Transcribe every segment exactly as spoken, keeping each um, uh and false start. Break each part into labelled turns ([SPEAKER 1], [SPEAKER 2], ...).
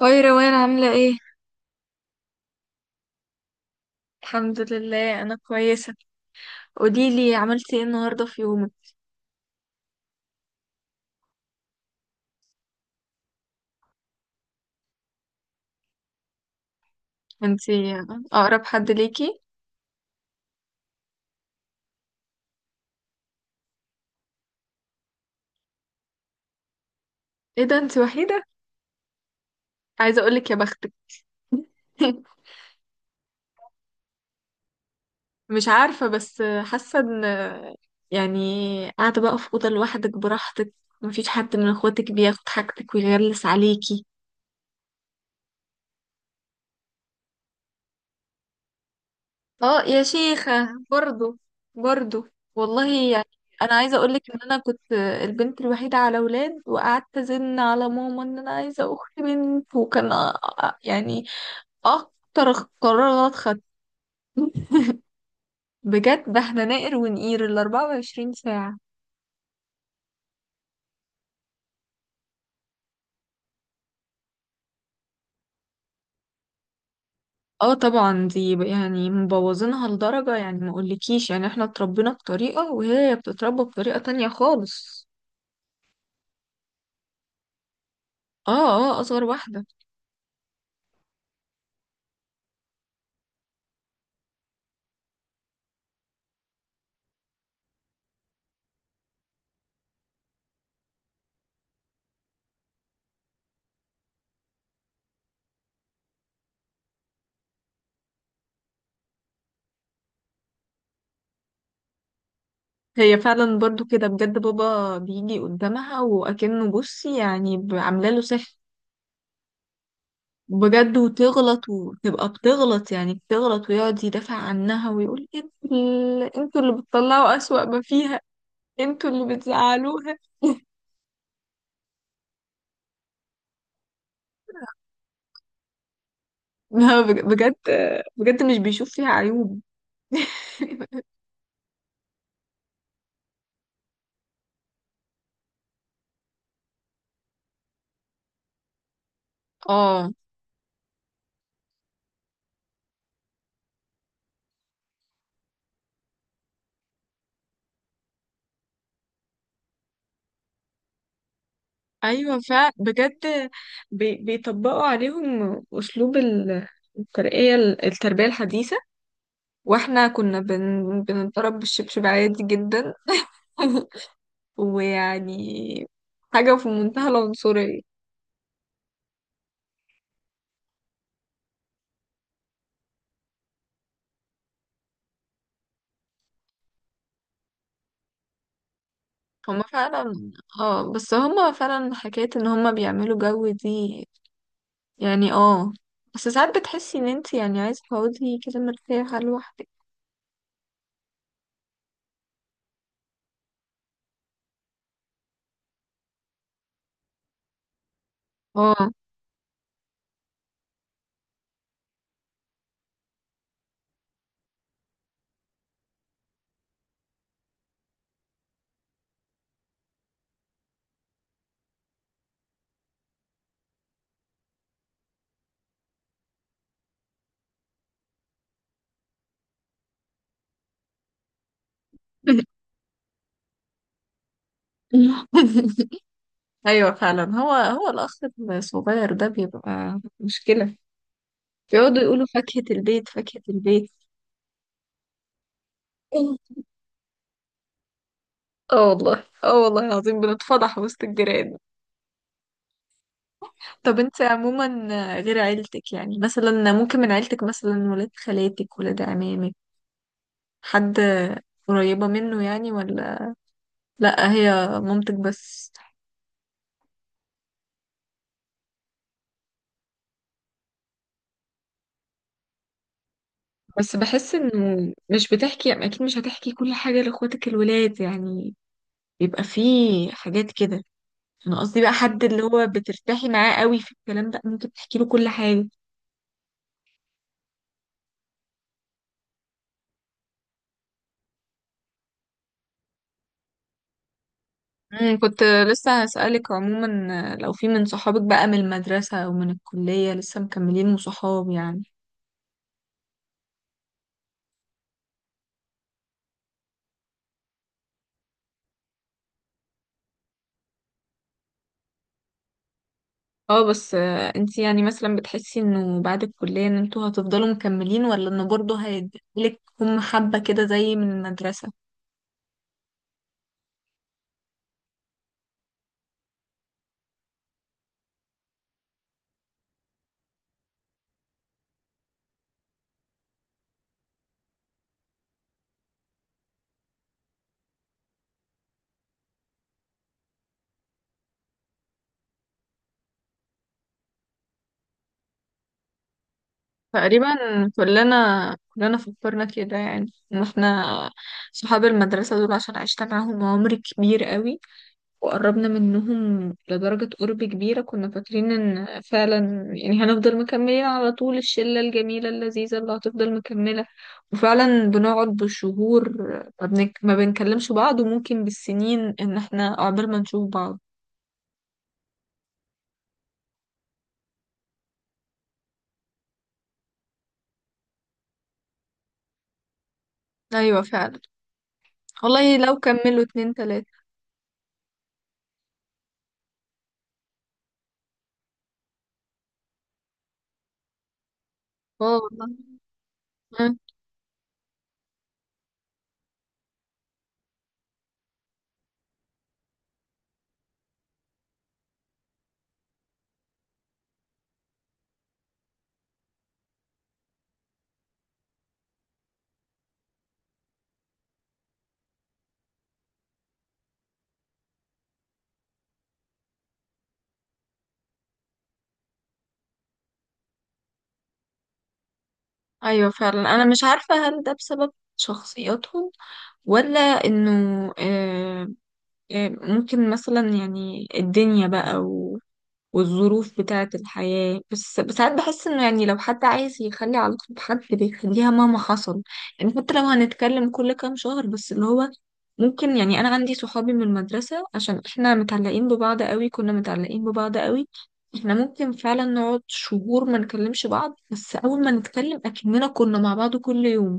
[SPEAKER 1] هاي روان عاملة ايه؟ الحمد لله أنا كويسة. قوليلي عملتي ايه النهاردة في يومك؟ انتي أقرب حد ليكي؟ ايه ده انتي وحيدة؟ عايزة أقولك يا بختك. مش عارفة بس حاسة ان يعني قاعدة بقى في أوضة لوحدك براحتك. مفيش حد من اخواتك بياخد حاجتك ويغلس عليكي. اه يا شيخة، برضو برضو والله يعني. انا عايزة اقولك ان انا كنت البنت الوحيدة على ولاد، وقعدت ازن على ماما ان انا عايزة اخت بنت، وكان أ- يعني اكتر. قرار غلط خدت، بجد، ده احنا نقر ونقير ال أربعة وعشرين ساعة. اه طبعا، دي يعني مبوظينها لدرجة، يعني ما اقولكيش، يعني احنا اتربينا بطريقة وهي بتتربى بطريقة تانية خالص. اه، اه اصغر واحدة. هي فعلا برضو كده، بجد بابا بيجي قدامها وأكنه، بصي يعني ب- عامله له سحر. بجد، وتغلط وتبقى بتغلط، يعني بتغلط ويقعد يدافع عنها ويقول انتوا ال- انتوا اللي بتطلعوا أسوأ ما فيها، انتوا اللي بتزعلوها. لا بج- بجد، بجد مش بيشوف فيها عيوب. اه، ايوه فعلا بجد، بي- بيطبقوا عليهم أسلوب ال- الترقية، التربية الحديثة. واحنا كنا بن... بنضرب بالشبشب عادي جدا. ويعني حاجة في منتهى العنصرية. هما فعلا، اه بس هما فعلا حكاية ان هما بيعملوا جو دي. يعني اه، بس ساعات بتحسي ان انت يعني عايزة تقعدي كده مرتاحة لوحدك. اه. ايوه فعلا، هو هو الاخ الصغير ده بيبقى مشكلة. بيقعدوا يقولوا فاكهة البيت، فاكهة البيت. اه والله، اه والله العظيم بنتفضح وسط الجيران. طب انت عموما، غير عيلتك، يعني مثلا ممكن من عيلتك مثلا ولاد خالاتك، ولاد عمامك، حد قريبة منه يعني، ولا لأ، هي مامتك بس؟ بس بحس انه مش بتحكي، اكيد مش هتحكي كل حاجة لاخواتك الولاد يعني، بيبقى فيه حاجات كده. انا قصدي بقى حد اللي هو بترتاحي معاه قوي في الكلام، ده ممكن تحكي له كل حاجة. مم، كنت لسه هسألك عموما لو في من صحابك بقى من المدرسة أو من الكلية لسه مكملين صحاب يعني. اه، بس آه، انتي يعني مثلا بتحسي انه بعد الكلية ان انتوا هتفضلوا مكملين، ولا انه برضه هيديلك هم حبة كده زي من المدرسة؟ تقريبا كلنا كلنا فكرنا كده، يعني ان احنا صحاب المدرسة دول عشان عشت معاهم عمر كبير قوي، وقربنا منهم لدرجة قرب كبيرة، كنا فاكرين ان فعلا يعني هنفضل مكملين على طول، الشلة الجميلة اللذيذة اللي هتفضل مكملة. وفعلا بنقعد بالشهور، ما, بنك... ما بنكلمش بعض، وممكن بالسنين ان احنا عقبال ما نشوف بعض. ايوه فعلا، والله لو كملوا اتنين تلاتة اه، والله. آه، ايوه فعلا، انا مش عارفة هل ده بسبب شخصياتهم، ولا انه آه، آه، ممكن مثلا، يعني الدنيا بقى و والظروف بتاعة الحياة، بس بس ساعات بحس انه يعني لو حد عايز يخلي علاقته بحد بيخليها مهما حصل. يعني حتى لو هنتكلم كل كام شهر بس، اللي هو ممكن، يعني انا عندي صحابي من المدرسة عشان احنا متعلقين ببعض قوي، كنا متعلقين ببعض قوي، احنا ممكن فعلا نقعد شهور ما نكلمش بعض، بس اول ما نتكلم اكننا كنا مع بعض كل يوم.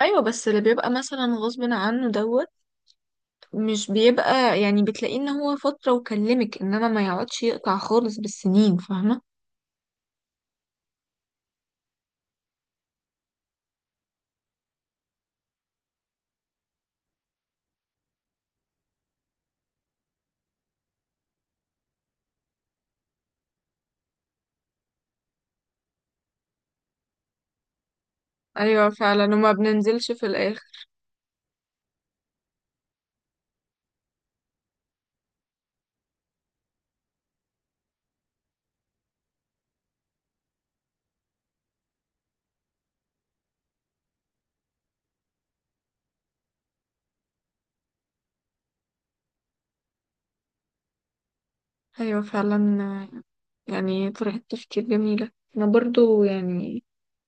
[SPEAKER 1] ايوه، بس اللي بيبقى مثلا غصب عنه دوت مش بيبقى، يعني بتلاقيه ان هو فترة وكلمك، انما ما يقعدش يقطع خالص بالسنين، فاهمة؟ ايوه فعلا، وما بننزلش في الاخر. ايوه فعلا، آه، يعني طريقة تفكير جميلة. انا برضو يعني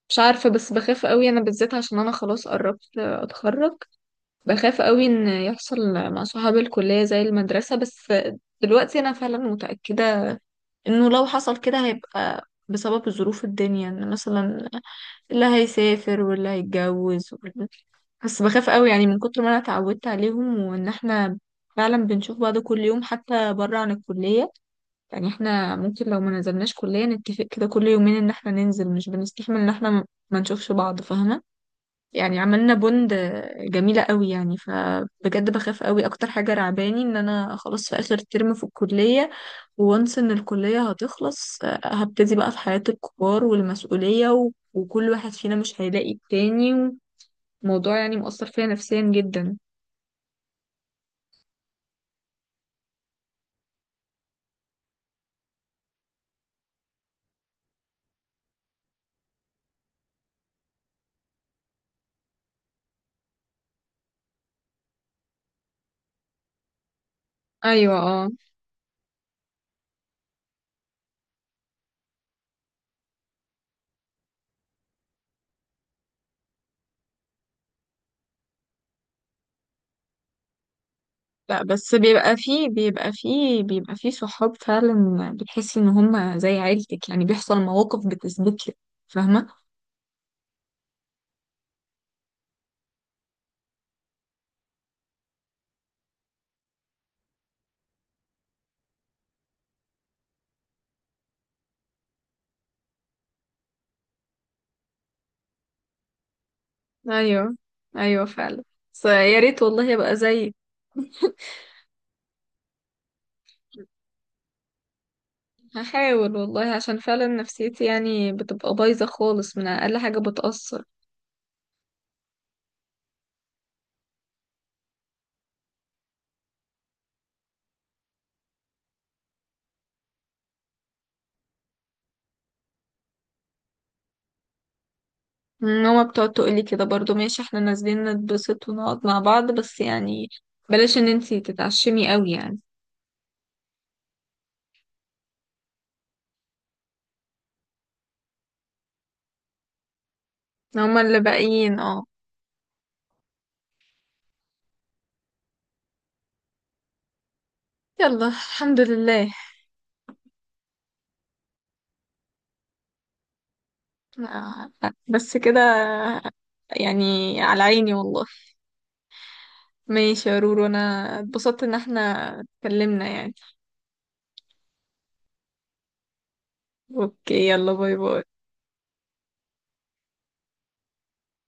[SPEAKER 1] مش عارفة، بس بخاف قوي انا بالذات عشان انا خلاص قربت آه، اتخرج. بخاف قوي ان يحصل مع صحاب الكلية زي المدرسة، بس دلوقتي انا فعلا متأكدة انه لو حصل كده هيبقى بسبب ظروف الدنيا، ان مثلا اللي هيسافر واللي هيتجوز. بس بخاف قوي يعني من كتر ما انا اتعودت عليهم، وان احنا فعلا بنشوف بعض كل يوم حتى بره عن الكلية. يعني احنا ممكن لو ما نزلناش كلية نتفق كده كل يومين ان احنا ننزل، مش بنستحمل ان احنا م- ما نشوفش بعض، فاهمة؟ يعني عملنا بوند جميلة قوي يعني، فبجد بخاف قوي، اكتر حاجة رعباني ان انا خلاص في اخر ترم في الكلية، وانس ان الكلية هتخلص آه، هبتدي بقى في حياة الكبار والمسؤولية، و... وكل واحد فينا مش هيلاقي التاني. موضوع يعني مؤثر فيا نفسيا جدا. ايوه اه، لا بس بيبقى فيه بيبقى فيه بيبقى فيه صحاب فعلا بتحسي ان هم زي عيلتك، يعني بيحصل مواقف بتثبت لك، فاهمه؟ ايوه، ايوه فعلا، بس يا ريت والله ابقى زيك. هحاول والله، عشان فعلا نفسيتي يعني بتبقى بايظه خالص من اقل حاجه بتاثر. ماما بتقعد تقولي كده برضو، ماشي احنا نازلين نتبسط ونقعد مع بعض، بس يعني بلاش ان انتي تتعشمي قوي يعني. هما اللي باقيين اه. يلا الحمد لله. آه، بس كده، يعني، على عيني والله. ماشي يا رورو، انا اتبسطت ان احنا اتكلمنا يعني. اوكي، يلا باي باي.